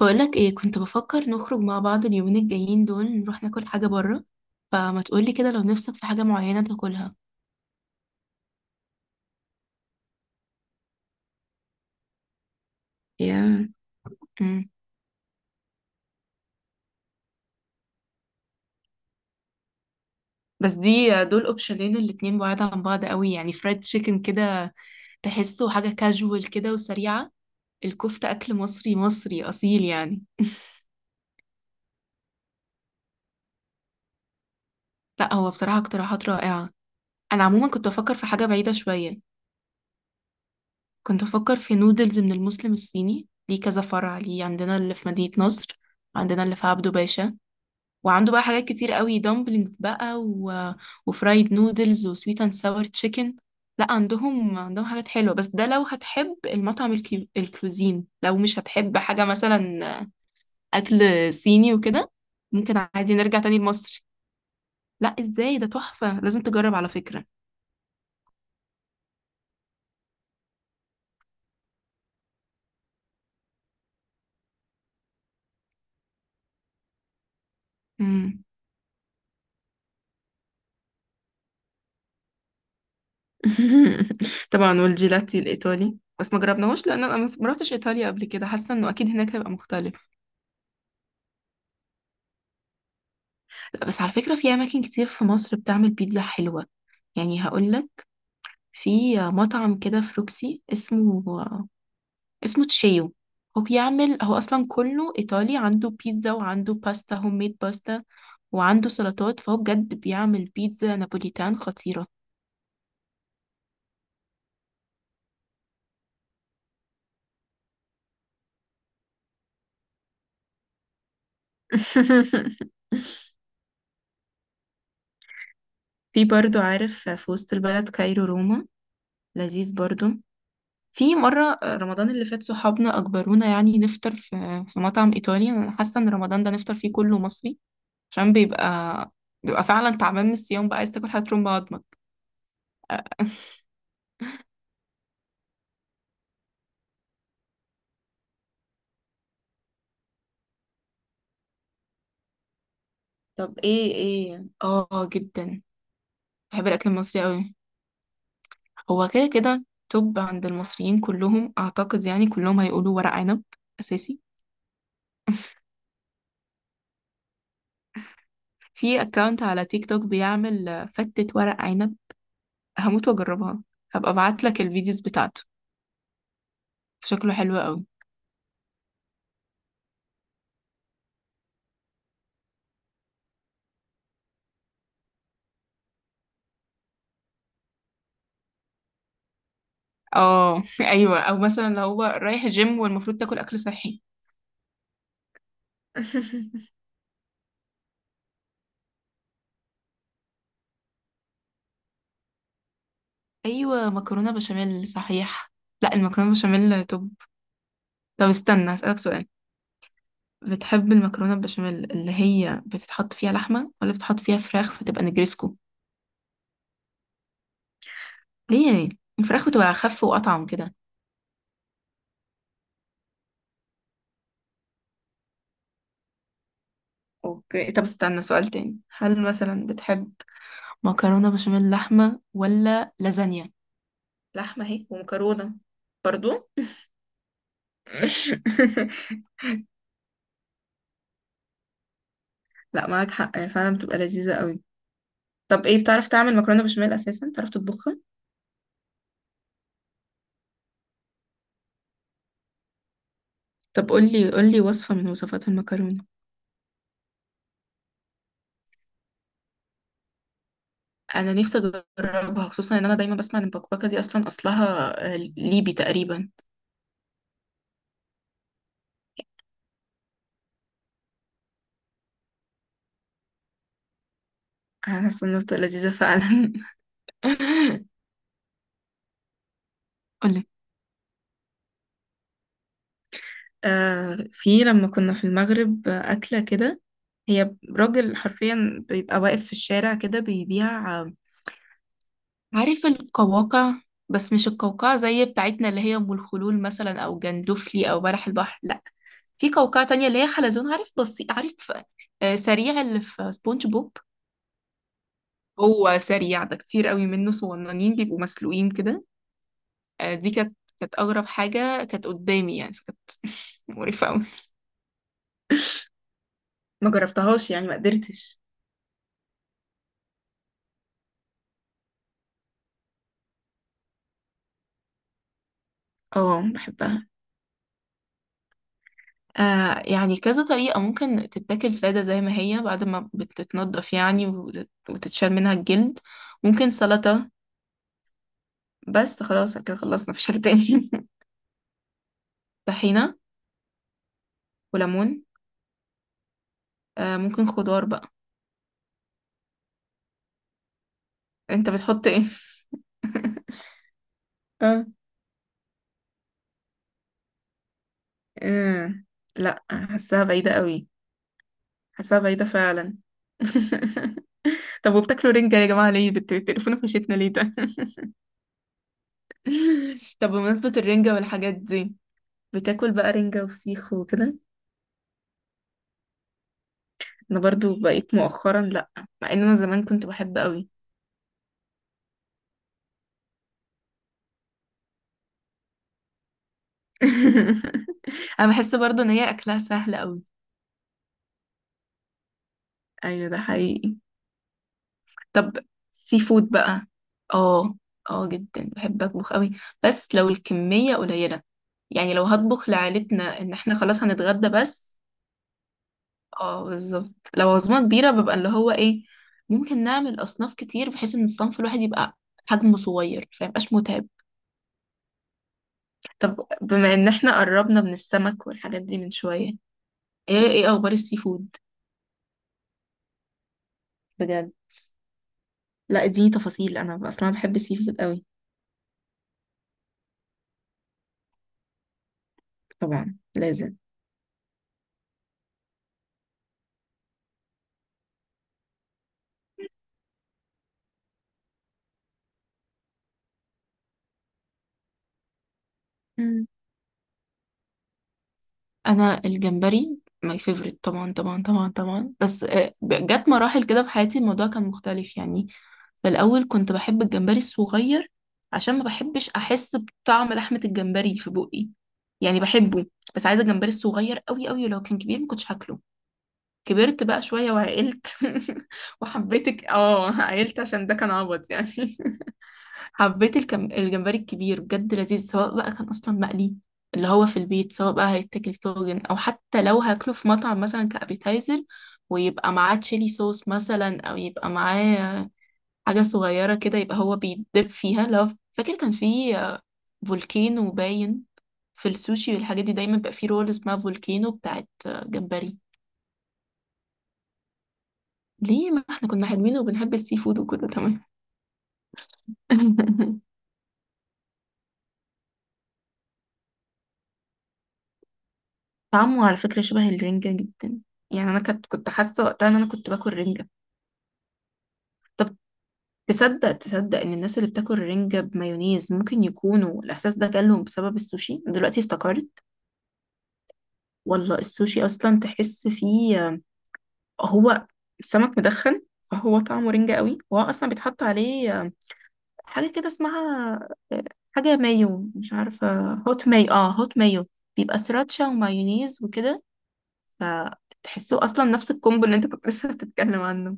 بقولك ايه، كنت بفكر نخرج مع بعض اليومين الجايين دول، نروح ناكل حاجة بره. فما تقولي كده لو نفسك في حاجة معينة تاكلها. يا امم بس دي دول اوبشنين، الاتنين بعاد عن بعض قوي. يعني فرايد تشيكن كده تحسه حاجة كاجوال كده وسريعة. الكفتة أكل مصري مصري أصيل يعني. لا، هو بصراحة اقتراحات رائعة. أنا عموما كنت بفكر في حاجة بعيدة شوية. كنت بفكر في نودلز من المسلم الصيني، ليه كذا فرع، ليه عندنا اللي في مدينة نصر، عندنا اللي في عبده باشا. وعنده بقى حاجات كتير قوي، دامبلينجز بقى وفرايد نودلز وسويت اند ساور تشيكن. لا، عندهم حاجات حلوة. بس ده لو هتحب المطعم، الكوزين، لو مش هتحب حاجة مثلا أكل صيني وكده، ممكن عادي نرجع تاني لمصر. لا ازاي، ده تحفة، لازم تجرب على فكرة. مم. طبعا، والجيلاتي الإيطالي بس ما جربناهوش، لأن أنا ما رحتش إيطاليا قبل كده، حاسة إنه أكيد هناك هيبقى مختلف. لا بس على فكرة، في أماكن كتير في مصر بتعمل بيتزا حلوة. يعني هقولك، في مطعم كده في روكسي، اسمه تشيو. هو أصلا كله إيطالي، عنده بيتزا وعنده باستا، هوم ميد باستا، وعنده سلطات. فهو بجد بيعمل بيتزا نابوليتان خطيرة. في برضو، عارف، في وسط البلد كايرو روما، لذيذ برضو. في مرة رمضان اللي فات صحابنا أجبرونا يعني نفطر في مطعم إيطالي. أنا حاسة إن رمضان ده نفطر فيه كله مصري، عشان بيبقى فعلا تعبان من الصيام بقى، عايز تاكل حاجة ترم بعض. طب ايه، اه، جدا. بحب الاكل المصري قوي. هو كده كده توب عند المصريين كلهم اعتقد، يعني كلهم هيقولوا ورق عنب، اساسي. في اكونت على تيك توك بيعمل فتة ورق عنب، هموت واجربها. هبقى ابعت لك الفيديوز بتاعته، شكله حلو قوي. اه، ايوه، او مثلا لو هو رايح جيم والمفروض تاكل اكل صحي. ايوه مكرونه بشاميل، صحيح. لا، المكرونه بشاميل توب. طب استنى اسالك سؤال، بتحب المكرونة البشاميل اللي هي بتتحط فيها لحمة، ولا بتحط فيها فراخ فتبقى نجريسكو؟ ليه يعني، الفراخ بتبقى أخف وأطعم كده. اوكي، طب استنى سؤال تاني، هل مثلا بتحب مكرونة بشاميل لحمة ولا لازانيا؟ لحمة اهي ومكرونة برضو. لا معاك حق، هي فعلا بتبقى لذيذة قوي. طب ايه، بتعرف تعمل مكرونة بشاميل أساسا، بتعرف تطبخها؟ طب قولي قولي وصفة من وصفات المكرونة. انا نفسي اجربها، خصوصا ان انا دايما بسمع ان البكبكه دي اصلا اصلها ليبي تقريبا. انا حاسه انها بتبقى لذيذه فعلا. قولي. في لما كنا في المغرب، أكلة كده، هي راجل حرفيا بيبقى واقف في الشارع كده بيبيع، عارف القواقع؟ بس مش القوقعة زي بتاعتنا اللي هي أم الخلول مثلا، أو جندفلي، أو بلح البحر، لأ. في قوقعة تانية اللي هي حلزون، عارف، بسيط، عارف، سريع اللي في سبونج بوب. هو سريع ده كتير قوي منه صغننين، بيبقوا مسلوقين كده. دي كانت اغرب حاجه كانت قدامي يعني، فكانت مقرفه قوي. ما جربتهاش يعني، ما قدرتش. اه، بحبها. يعني كذا طريقة، ممكن تتاكل سادة زي ما هي بعد ما بتتنضف يعني، وتتشال منها الجلد. ممكن سلطة. بس خلاص كده خلصنا، مفيش حاجة تاني. طحينة وليمون. ممكن خضار بقى. انت بتحط ايه؟ اه. آه، لا، حاساها بعيدة قوي. حاساها بعيدة فعلا. طب وبتاكلوا رنجة يا جماعة، ليه بتقرفونا في وشتنا، ليه ده؟ طب بمناسبة الرنجة والحاجات دي، بتاكل بقى رنجة وفسيخ وكده؟ انا برضو بقيت مؤخرا لا، مع ان انا زمان كنت بحب قوي. انا بحس برضو ان هي اكلها سهل قوي. ايوه، ده حقيقي. طب سي فود بقى. اه، اه جدا، بحب اطبخ قوي، بس لو الكمية قليلة، يعني لو هطبخ لعائلتنا ان احنا خلاص هنتغدى بس. اه، بالظبط. لو عزومة كبيرة ببقى اللي هو ايه، ممكن نعمل أصناف كتير بحيث إن الصنف الواحد يبقى حجمه صغير فميبقاش متعب. طب بما إن احنا قربنا من السمك والحاجات دي من شوية، ايه أخبار السي فود؟ بجد. لا دي تفاصيل، أنا أصلا بحب السي فود قوي. طبعا لازم. مم. أنا الجمبري ماي فيفورت، طبعا طبعا طبعا طبعا. بس جت مراحل كده في حياتي الموضوع كان مختلف يعني. في الأول كنت بحب الجمبري الصغير، عشان ما بحبش أحس بطعم لحمة الجمبري في بقي، يعني بحبه بس عايزة الجمبري الصغير قوي قوي، ولو كان كبير ما كنتش هاكله. كبرت بقى شوية وعقلت، وحبيتك عقلت عشان ده كان عبط يعني. حبيت الجمبري الكبير، بجد لذيذ، سواء بقى كان أصلا مقلي اللي هو في البيت، سواء بقى هيتاكل طاجن، أو حتى لو هاكله في مطعم مثلا كأبيتايزر، ويبقى معاه تشيلي صوص مثلا، أو يبقى معاه حاجة صغيرة كده يبقى هو بيدب فيها. لو فاكر كان في فولكينو باين، في السوشي والحاجات دي دايما بيبقى في رول اسمها فولكينو بتاعت جمبري. ليه، ما احنا كنا حلوين وبنحب السي فود وكله تمام. طعمه على فكرة شبه الرنجة جدا، يعني أنا كنت حاسة وقتها إن أنا كنت باكل رنجة. طب تصدق إن الناس اللي بتاكل رنجة بمايونيز ممكن يكونوا الإحساس ده جالهم بسبب السوشي، دلوقتي افتكرت. والله السوشي أصلا تحس فيه، هو السمك مدخن فهو طعمه رنجة قوي، وهو اصلا بيتحط عليه حاجة كده اسمها، آه، حاجة مايو، مش عارفة، هوت مايو، هوت مايو. بيبقى سراتشا ومايونيز وكده، فتحسه اصلا نفس الكومبو اللي انت كنت لسه بتتكلم عنه.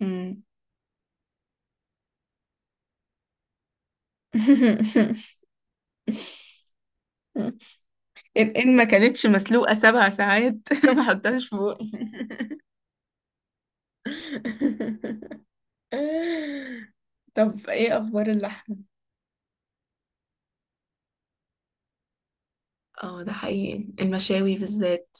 مم. إن ما كانتش مسلوقة 7 ساعات ما حطهاش في بوقي. طب ايه اخبار اللحمة؟ اه، ده حقيقي، المشاوي بالذات.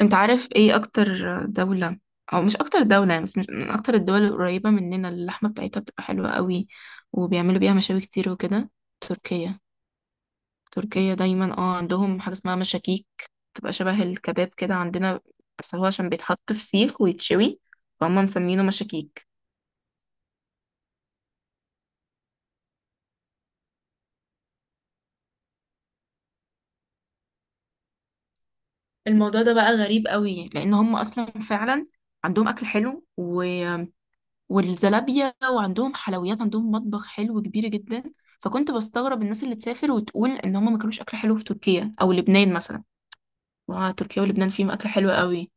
انت عارف ايه اكتر دولة، او مش اكتر دولة يعني، بس مش من اكتر الدول القريبة مننا اللي اللحمة بتاعتها بتبقى حلوة قوي، وبيعملوا بيها مشاوي كتير وكده؟ تركيا. تركيا دايما، عندهم حاجة اسمها مشاكيك، بتبقى شبه الكباب كده عندنا، بس هو عشان بيتحط في سيخ ويتشوي فهم مسمينه مشاكيك. الموضوع ده بقى غريب قوي، لان هم اصلا فعلا عندهم اكل حلو والزلابية، وعندهم حلويات، عندهم مطبخ حلو كبير جدا. فكنت بستغرب الناس اللي تسافر وتقول ان هم ما كانوش اكل حلو في تركيا او لبنان مثلا، واه تركيا ولبنان فيهم اكل حلو قوي.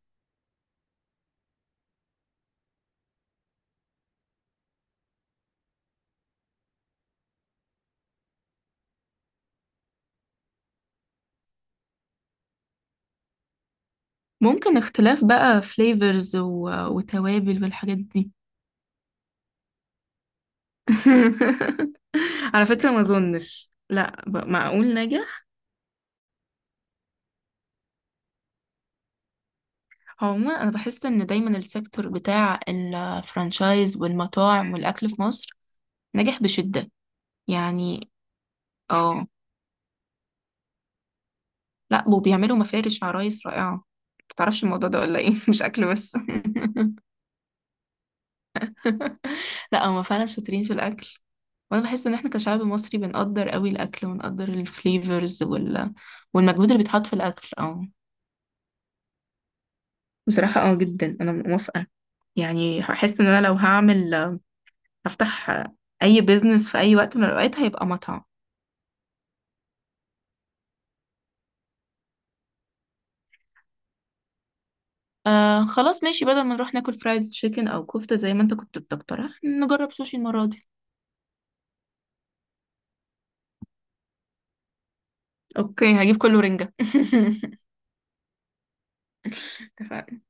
ممكن اختلاف بقى فليفرز وتوابل والحاجات دي. على فكرة ما اظنش، لا، معقول نجح. عموما انا بحس ان دايما السيكتور بتاع الفرانشايز والمطاعم والاكل في مصر نجح بشدة، يعني. اه. لا، وبيعملوا مفارش عرايس رائعة، متعرفش الموضوع ده ولا ايه، مش اكل بس. لا هما فعلا شاطرين في الاكل، وانا بحس ان احنا كشعب مصري بنقدر قوي الاكل ونقدر الفليفرز والمجهود اللي بيتحط في الاكل، اه. بصراحة اه جدا، انا موافقة. يعني هحس ان انا لو هفتح اي بيزنس في اي وقت من الاوقات هيبقى مطعم. خلاص ماشي، بدل ما نروح ناكل فرايد تشيكن او كفتة زي ما انت كنت بتقترح، نجرب سوشي المرة دي. اوكي، هجيب كله رنجة. اتفقنا.